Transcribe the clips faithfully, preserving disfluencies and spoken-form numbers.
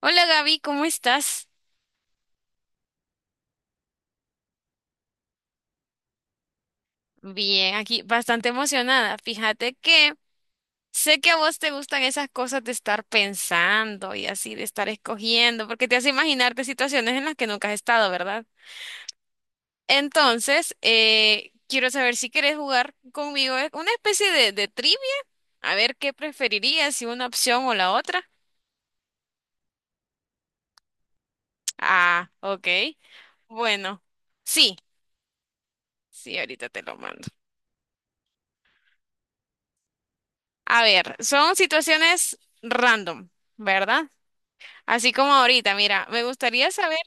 Hola Gaby, ¿cómo estás? Bien, aquí bastante emocionada. Fíjate que sé que a vos te gustan esas cosas de estar pensando y así, de estar escogiendo, porque te hace imaginarte situaciones en las que nunca has estado, ¿verdad? Entonces, eh, quiero saber si quieres jugar conmigo eh, una especie de, de trivia, a ver qué preferirías, si una opción o la otra. Ah, ok. Bueno, sí, sí, ahorita te lo mando. A ver, son situaciones random, ¿verdad? Así como ahorita, mira, me gustaría saber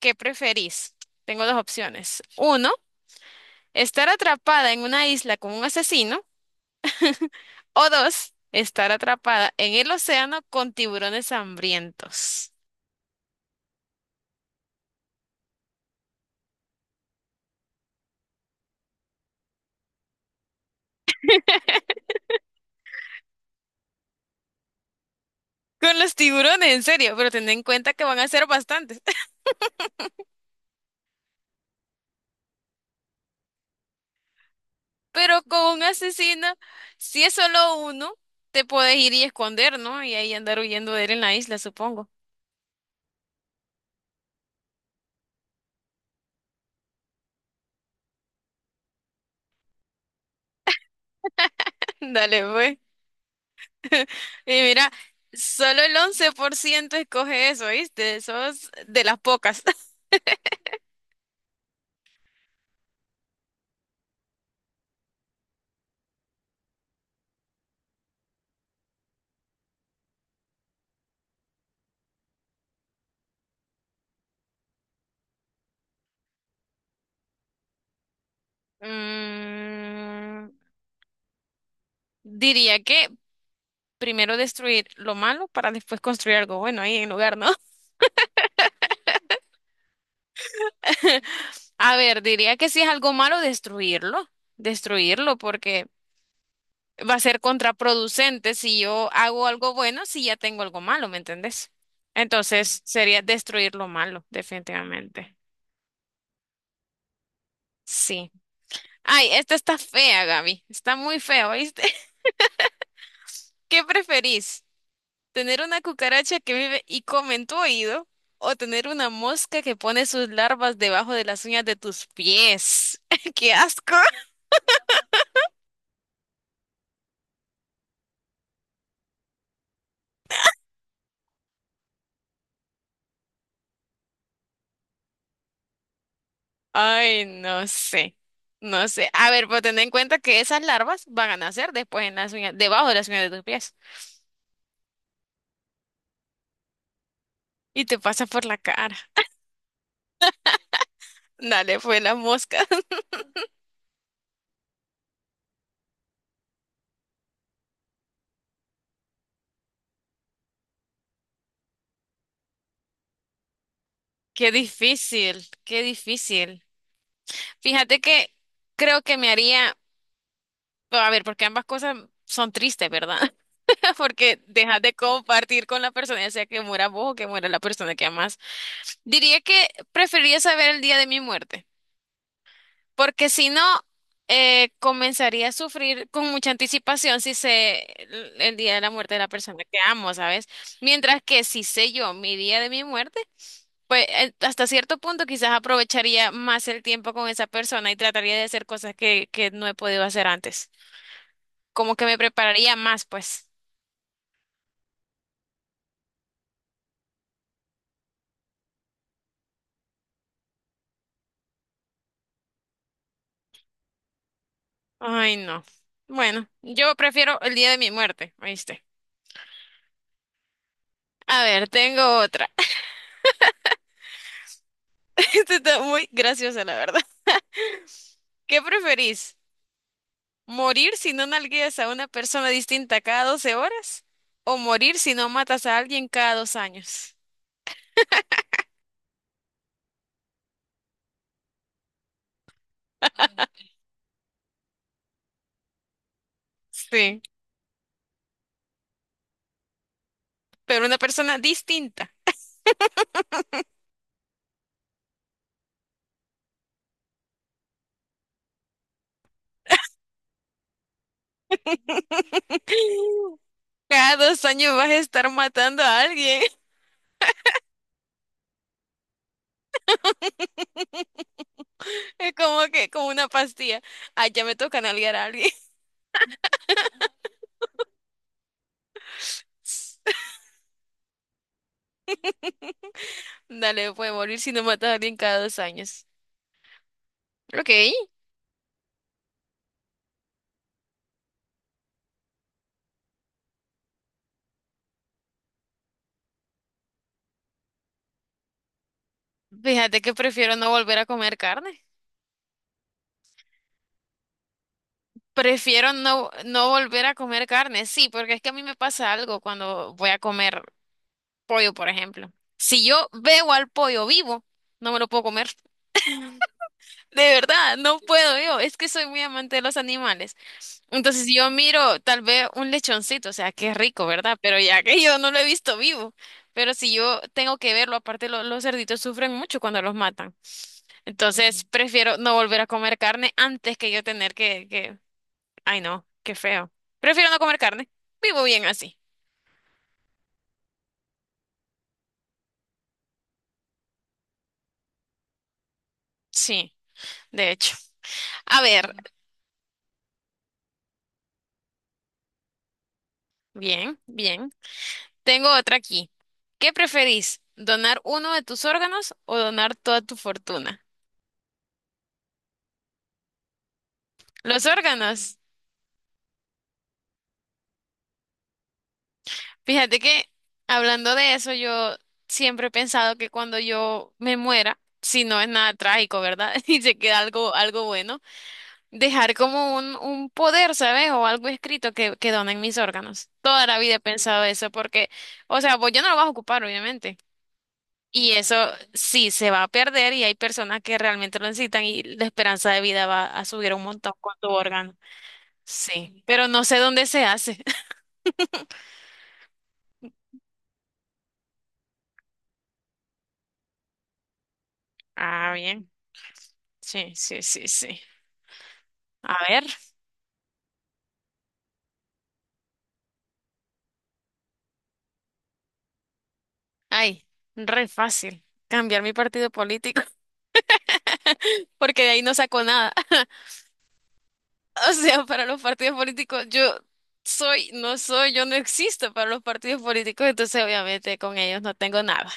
qué preferís. Tengo dos opciones. Uno, estar atrapada en una isla con un asesino. O dos, estar atrapada en el océano con tiburones hambrientos. Con los tiburones, en serio, pero ten en cuenta que van a ser bastantes. Pero con un asesino, si es solo uno, te puedes ir y esconder, ¿no? Y ahí andar huyendo de él en la isla, supongo. Dale, pues. Y mira, solo el once por ciento escoge eso, ¿viste? Sos de las pocas. Mm, diría que primero destruir lo malo para después construir algo bueno ahí en lugar, ¿no? A ver, diría que si es algo malo, destruirlo. Destruirlo porque va a ser contraproducente si yo hago algo bueno si ya tengo algo malo, ¿me entendés? Entonces sería destruir lo malo, definitivamente. Sí. Ay, esta está fea, Gaby. Está muy fea, ¿oíste? ¿Qué preferís? ¿Tener una cucaracha que vive y come en tu oído o tener una mosca que pone sus larvas debajo de las uñas de tus pies? ¡Qué asco! Ay, no sé. No sé. A ver, pero ten en cuenta que esas larvas van a nacer después en las uñas, debajo de las uñas de tus pies y te pasa por la cara. Dale, fue la mosca. Qué difícil, qué difícil. Fíjate que creo que me haría, a ver, porque ambas cosas son tristes, ¿verdad? Porque dejas de compartir con la persona, ya sea que muera vos o que muera la persona que amas. Diría que preferiría saber el día de mi muerte, porque si no, eh, comenzaría a sufrir con mucha anticipación si sé el, el día de la muerte de la persona que amo, ¿sabes? Mientras que si sé yo mi día de mi muerte, pues eh, hasta cierto punto quizás aprovecharía más el tiempo con esa persona y trataría de hacer cosas que, que no he podido hacer antes. Como que me prepararía más, pues. Ay, no. Bueno, yo prefiero el día de mi muerte, ¿oíste? A ver, tengo otra. Esta está muy graciosa, la verdad. ¿Qué preferís? ¿Morir si no nalgueas a una persona distinta cada doce horas? ¿O morir si no matas a alguien cada dos años? Sí, pero una persona distinta. Cada dos años vas a estar matando a alguien. Es como que, como una pastilla. Ay, ya me toca nalguear a alguien. Dale, puede morir si no matas a alguien cada dos años. Ok. Fíjate que prefiero no volver a comer carne. Prefiero no, no volver a comer carne, sí, porque es que a mí me pasa algo cuando voy a comer pollo, por ejemplo. Si yo veo al pollo vivo, no me lo puedo comer. De verdad, no puedo yo. Es que soy muy amante de los animales. Entonces, si yo miro tal vez un lechoncito, o sea, qué rico, ¿verdad? Pero ya que yo no lo he visto vivo. Pero si yo tengo que verlo, aparte lo- los cerditos sufren mucho cuando los matan. Entonces, prefiero no volver a comer carne antes que yo tener que, que Ay, no, qué feo. Prefiero no comer carne. Vivo bien así. Sí, de hecho. A ver, bien, bien. Tengo otra aquí. ¿Qué preferís? ¿Donar uno de tus órganos o donar toda tu fortuna? Los órganos. Fíjate que hablando de eso, yo siempre he pensado que cuando yo me muera, si no es nada trágico, ¿verdad? Y se queda algo, algo bueno. Dejar como un, un poder, ¿sabes? O algo escrito que, que donen mis órganos. Toda la vida he pensado eso porque, o sea, pues yo no lo vas a ocupar, obviamente. Y eso sí se va a perder y hay personas que realmente lo necesitan y la esperanza de vida va a subir un montón con tu órgano. Sí, pero no sé dónde se hace. Ah, bien. Sí, sí, sí, sí. A ver. Ay, re fácil. Cambiar mi partido político, porque de ahí no saco nada. O sea, para los partidos políticos, yo soy, no soy, yo no existo para los partidos políticos, entonces obviamente con ellos no tengo nada.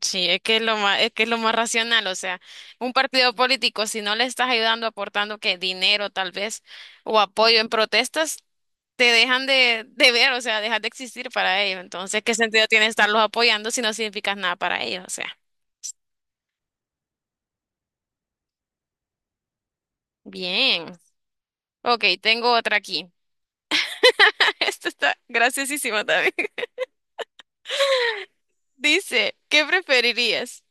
Sí, es que es lo más, es que es lo más racional, o sea, un partido político, si no le estás ayudando, aportando que dinero tal vez, o apoyo en protestas, te dejan de, de ver, o sea, dejas de existir para ellos. Entonces, ¿qué sentido tiene estarlos apoyando si no significas nada para ellos? O sea, bien. Ok, tengo otra aquí. Esta está graciosísima también. Dice, ¿qué preferirías?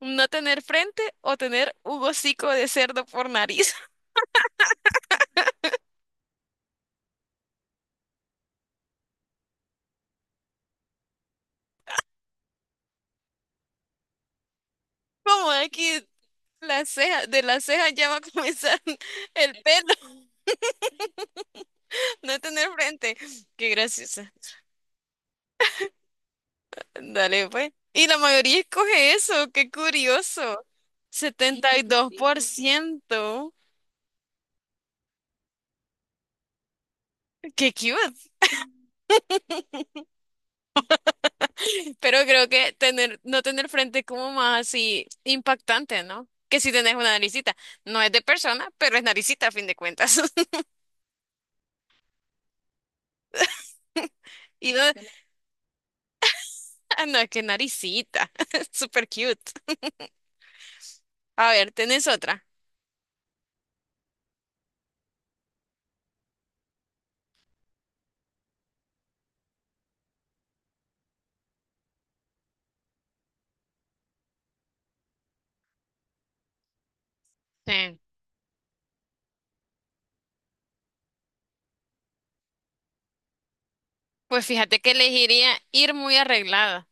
No tener frente o tener un hocico de cerdo por nariz. Como aquí las cejas, de las cejas ya va a comenzar el pelo. No tener frente. Qué graciosa. Dale, pues. Y la mayoría escoge eso. Qué curioso. Setenta y dos por ciento. Qué cute. Pero creo que tener, no tener frente es como más así impactante, ¿no? Que si tenés una naricita. No es de persona, pero es naricita a fin de cuentas. Y no- Ah, no, qué naricita. Super cute. A ver, ¿tenés otra? Sí. Pues fíjate que elegiría ir muy arreglada.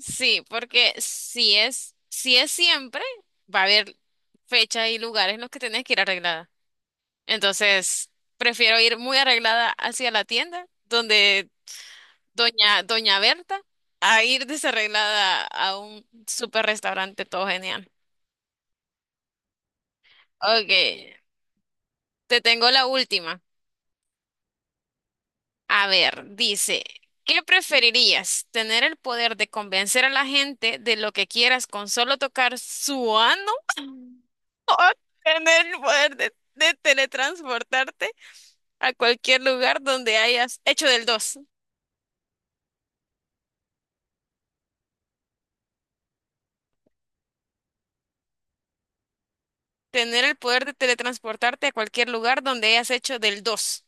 Sí, porque si es, si es siempre, va a haber fechas y lugares en los que tenés que ir arreglada. Entonces, prefiero ir muy arreglada hacia la tienda, donde doña, doña Berta, a ir desarreglada a un super restaurante todo genial. Ok, te tengo la última. A ver, dice, ¿qué preferirías? ¿Tener el poder de convencer a la gente de lo que quieras con solo tocar su ano? ¿Tener el poder de, de teletransportarte a cualquier lugar donde hayas hecho del dos? ¿Tener el poder de teletransportarte a cualquier lugar donde hayas hecho del dos?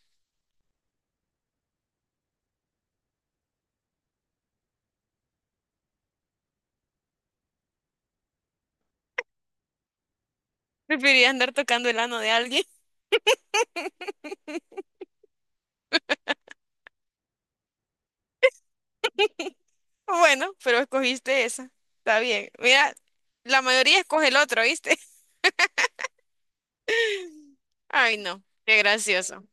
¿Preferirías andar tocando el ano de alguien? Bueno, pero escogiste esa. Está bien. Mira, la mayoría escoge el otro, ¿viste? Ay, no, qué gracioso.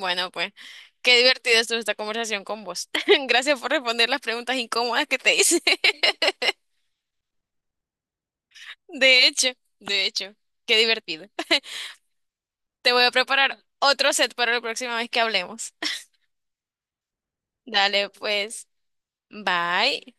Bueno, pues qué divertida estuvo esta conversación con vos. Gracias por responder las preguntas incómodas que te hice. De hecho, de hecho, qué divertido. Te voy a preparar otro set para la próxima vez que hablemos. Dale, pues, bye.